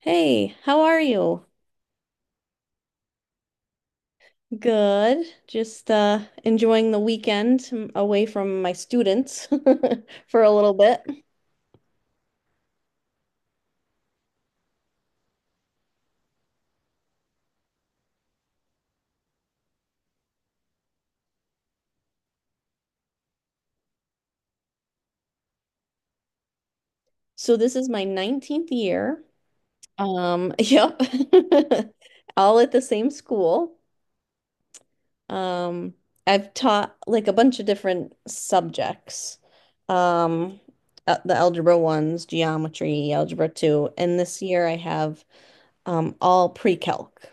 Hey, how are you? Good. Just enjoying the weekend away from my students for a little bit. So this is my 19th year. Yep. All at the same school. Um, I've taught like a bunch of different subjects. Um, the algebra ones, geometry, algebra two, and this year I have all pre-calc.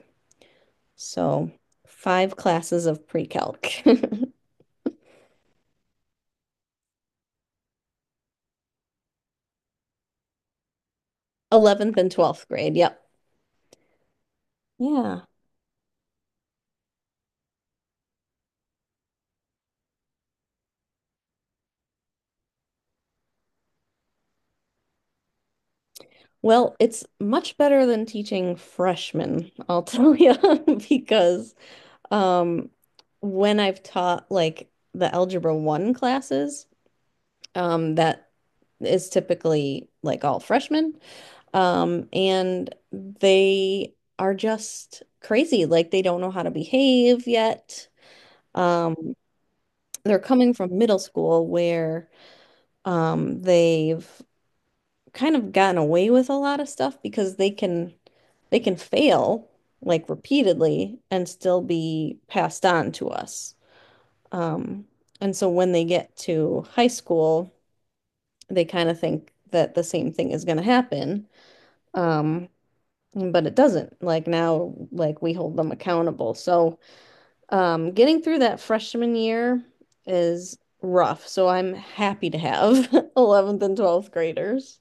So five classes of pre-calc. 11th and 12th grade. Yep. Yeah. Well, it's much better than teaching freshmen, I'll tell you, because um, when I've taught like the Algebra 1 classes, that is typically like all freshmen, and they are just crazy. Like they don't know how to behave yet. Um, they're coming from middle school where they've kind of gotten away with a lot of stuff because they can fail like repeatedly and still be passed on to us. Um, and so when they get to high school, they kind of think that the same thing is going to happen. Um, but it doesn't. Like now, like we hold them accountable. So getting through that freshman year is rough. So I'm happy to have 11th and 12th graders.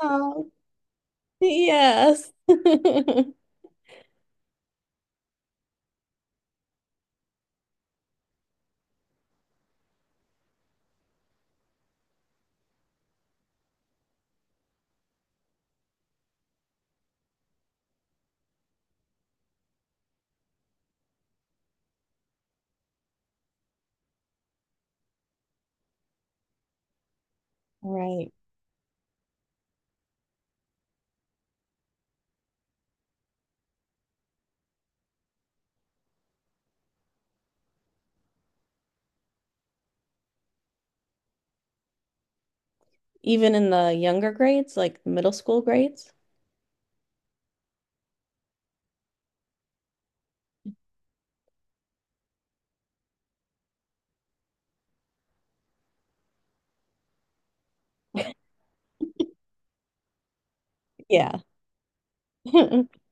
Oh, yes. Right. Even in the younger grades, like middle school grades. Yeah.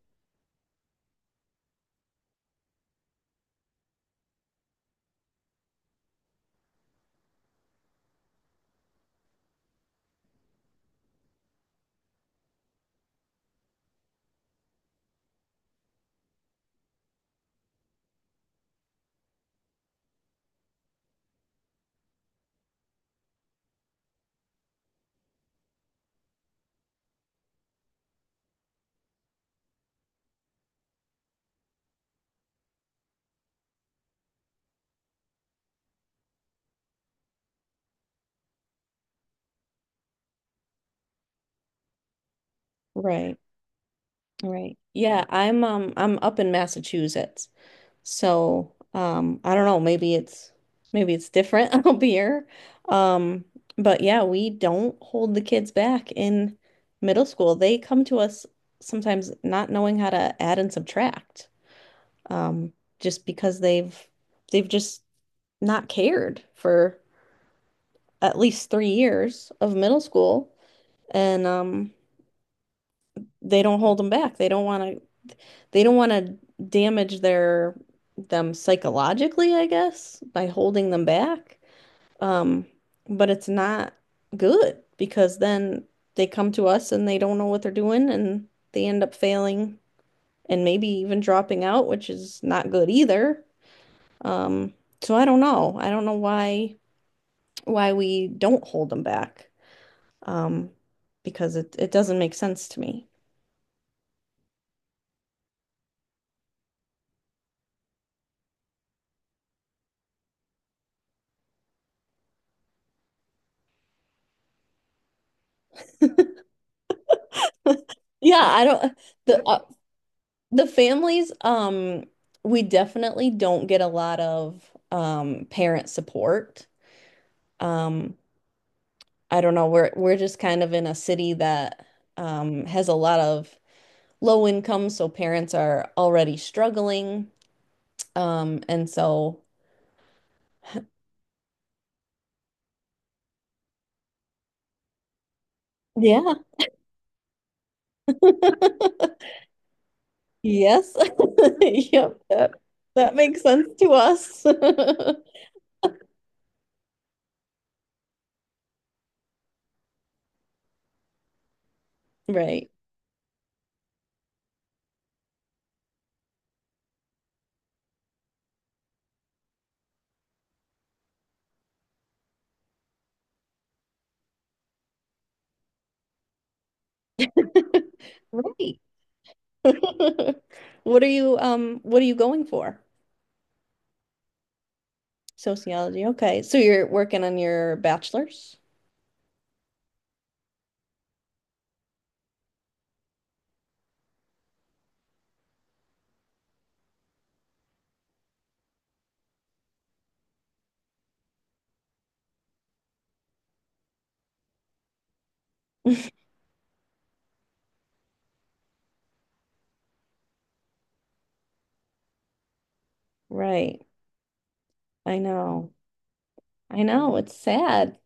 Right. Right. Yeah, I'm up in Massachusetts. So, I don't know, maybe it's different up here. Um but yeah, we don't hold the kids back in middle school. They come to us sometimes not knowing how to add and subtract. Um just because they've just not cared for at least 3 years of middle school, and they don't hold them back. They don't want to. They don't want to damage their them psychologically, I guess, by holding them back. Um, but it's not good because then they come to us and they don't know what they're doing and they end up failing and maybe even dropping out, which is not good either. Um, so I don't know. I don't know why we don't hold them back. um, because it doesn't make sense to me. Yeah, I don't the uh, the families we definitely don't get a lot of parent support. Um I don't know, we're just kind of in a city that has a lot of low income, so parents are already struggling. And so yeah, yes. Yep, that makes sense to us. Right. Right. What are you going for? Sociology. Okay. So you're working on your bachelor's? Right. I know. I know. It's sad.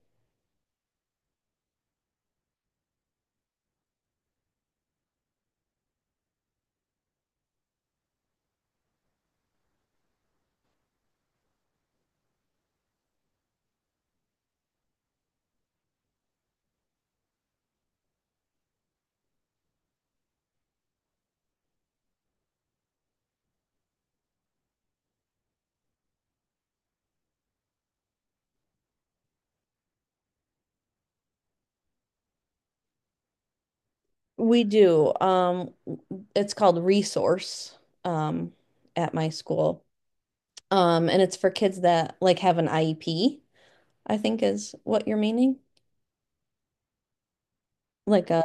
We do. It's called Resource um at my school. And it's for kids that like have an IEP, I think is what you're meaning. Like a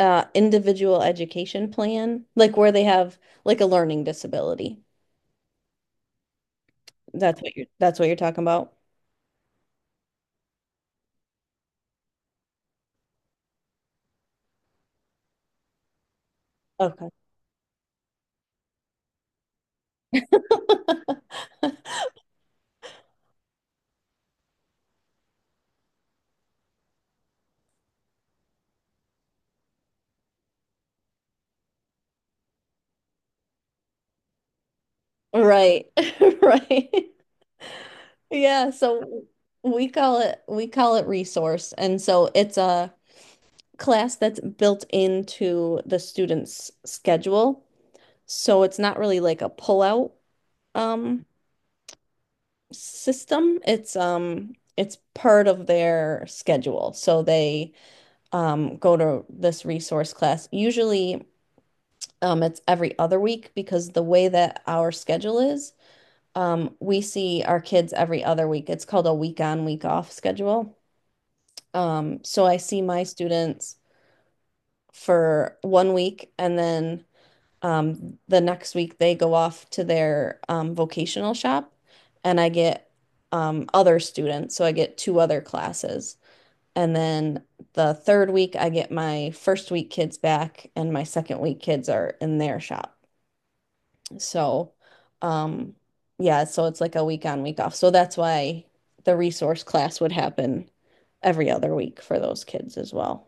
individual education plan, like where they have like a learning disability. That's what you're talking about. Okay. Right. Right. Yeah, so we call it resource. And so it's a class that's built into the student's schedule. So it's not really like a pullout um system. It's part of their schedule. So they go to this resource class. Usually it's every other week because the way that our schedule is. We see our kids every other week. It's called a week on, week off schedule. So I see my students for 1 week and then the next week they go off to their vocational shop and I get other students. So I get two other classes. And then the third week, I get my first week kids back, and my second week kids are in their shop. So, um, yeah, so it's like a week on, week off. So that's why the resource class would happen every other week for those kids as well.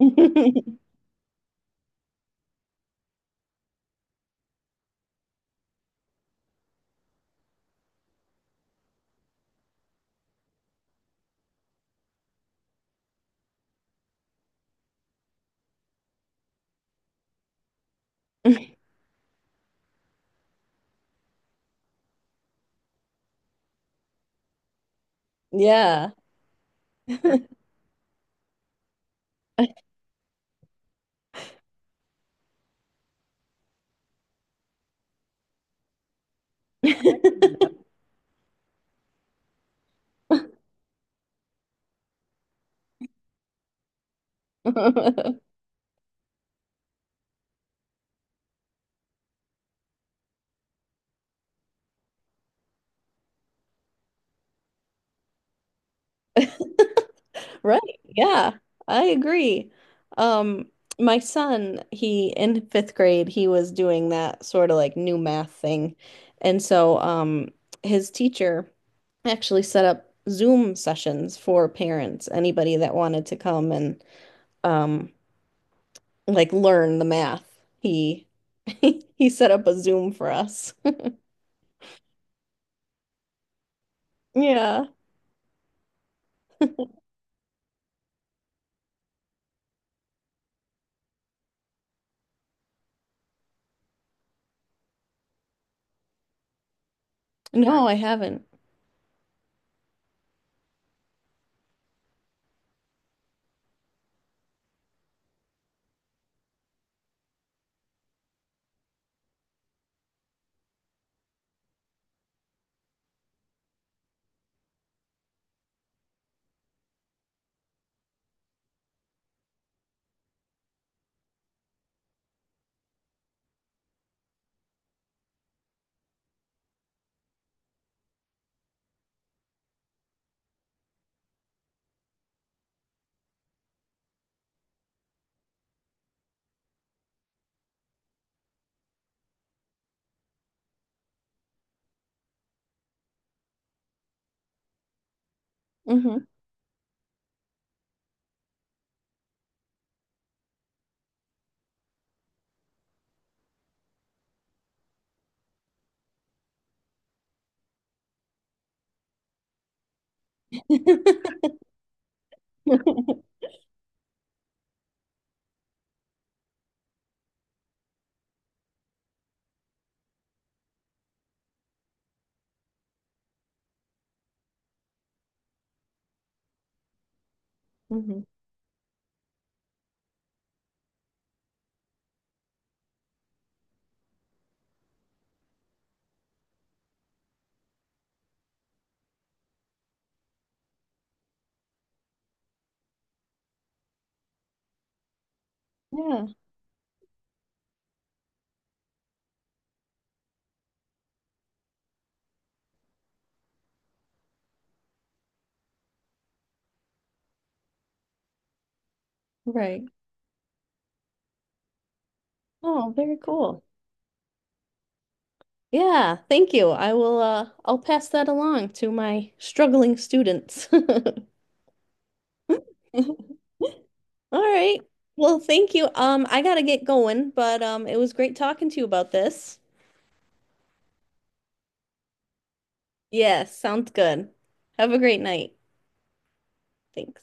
Yeah. Right. Yeah, I agree. Um, my son, he in fifth grade, he was doing that sort of like new math thing. And so, his teacher actually set up Zoom sessions for parents, anybody that wanted to come and um like learn the math. He he set up a Zoom for us. Yeah. No, I haven't. Hmm. Hmm. Yeah, right. Oh, very cool. Yeah, thank you. I will I'll pass that along to my struggling students. All right. Well, thank you. I gotta get going, but it was great talking to you about this. Yes, sounds good. Have a great night. Thanks.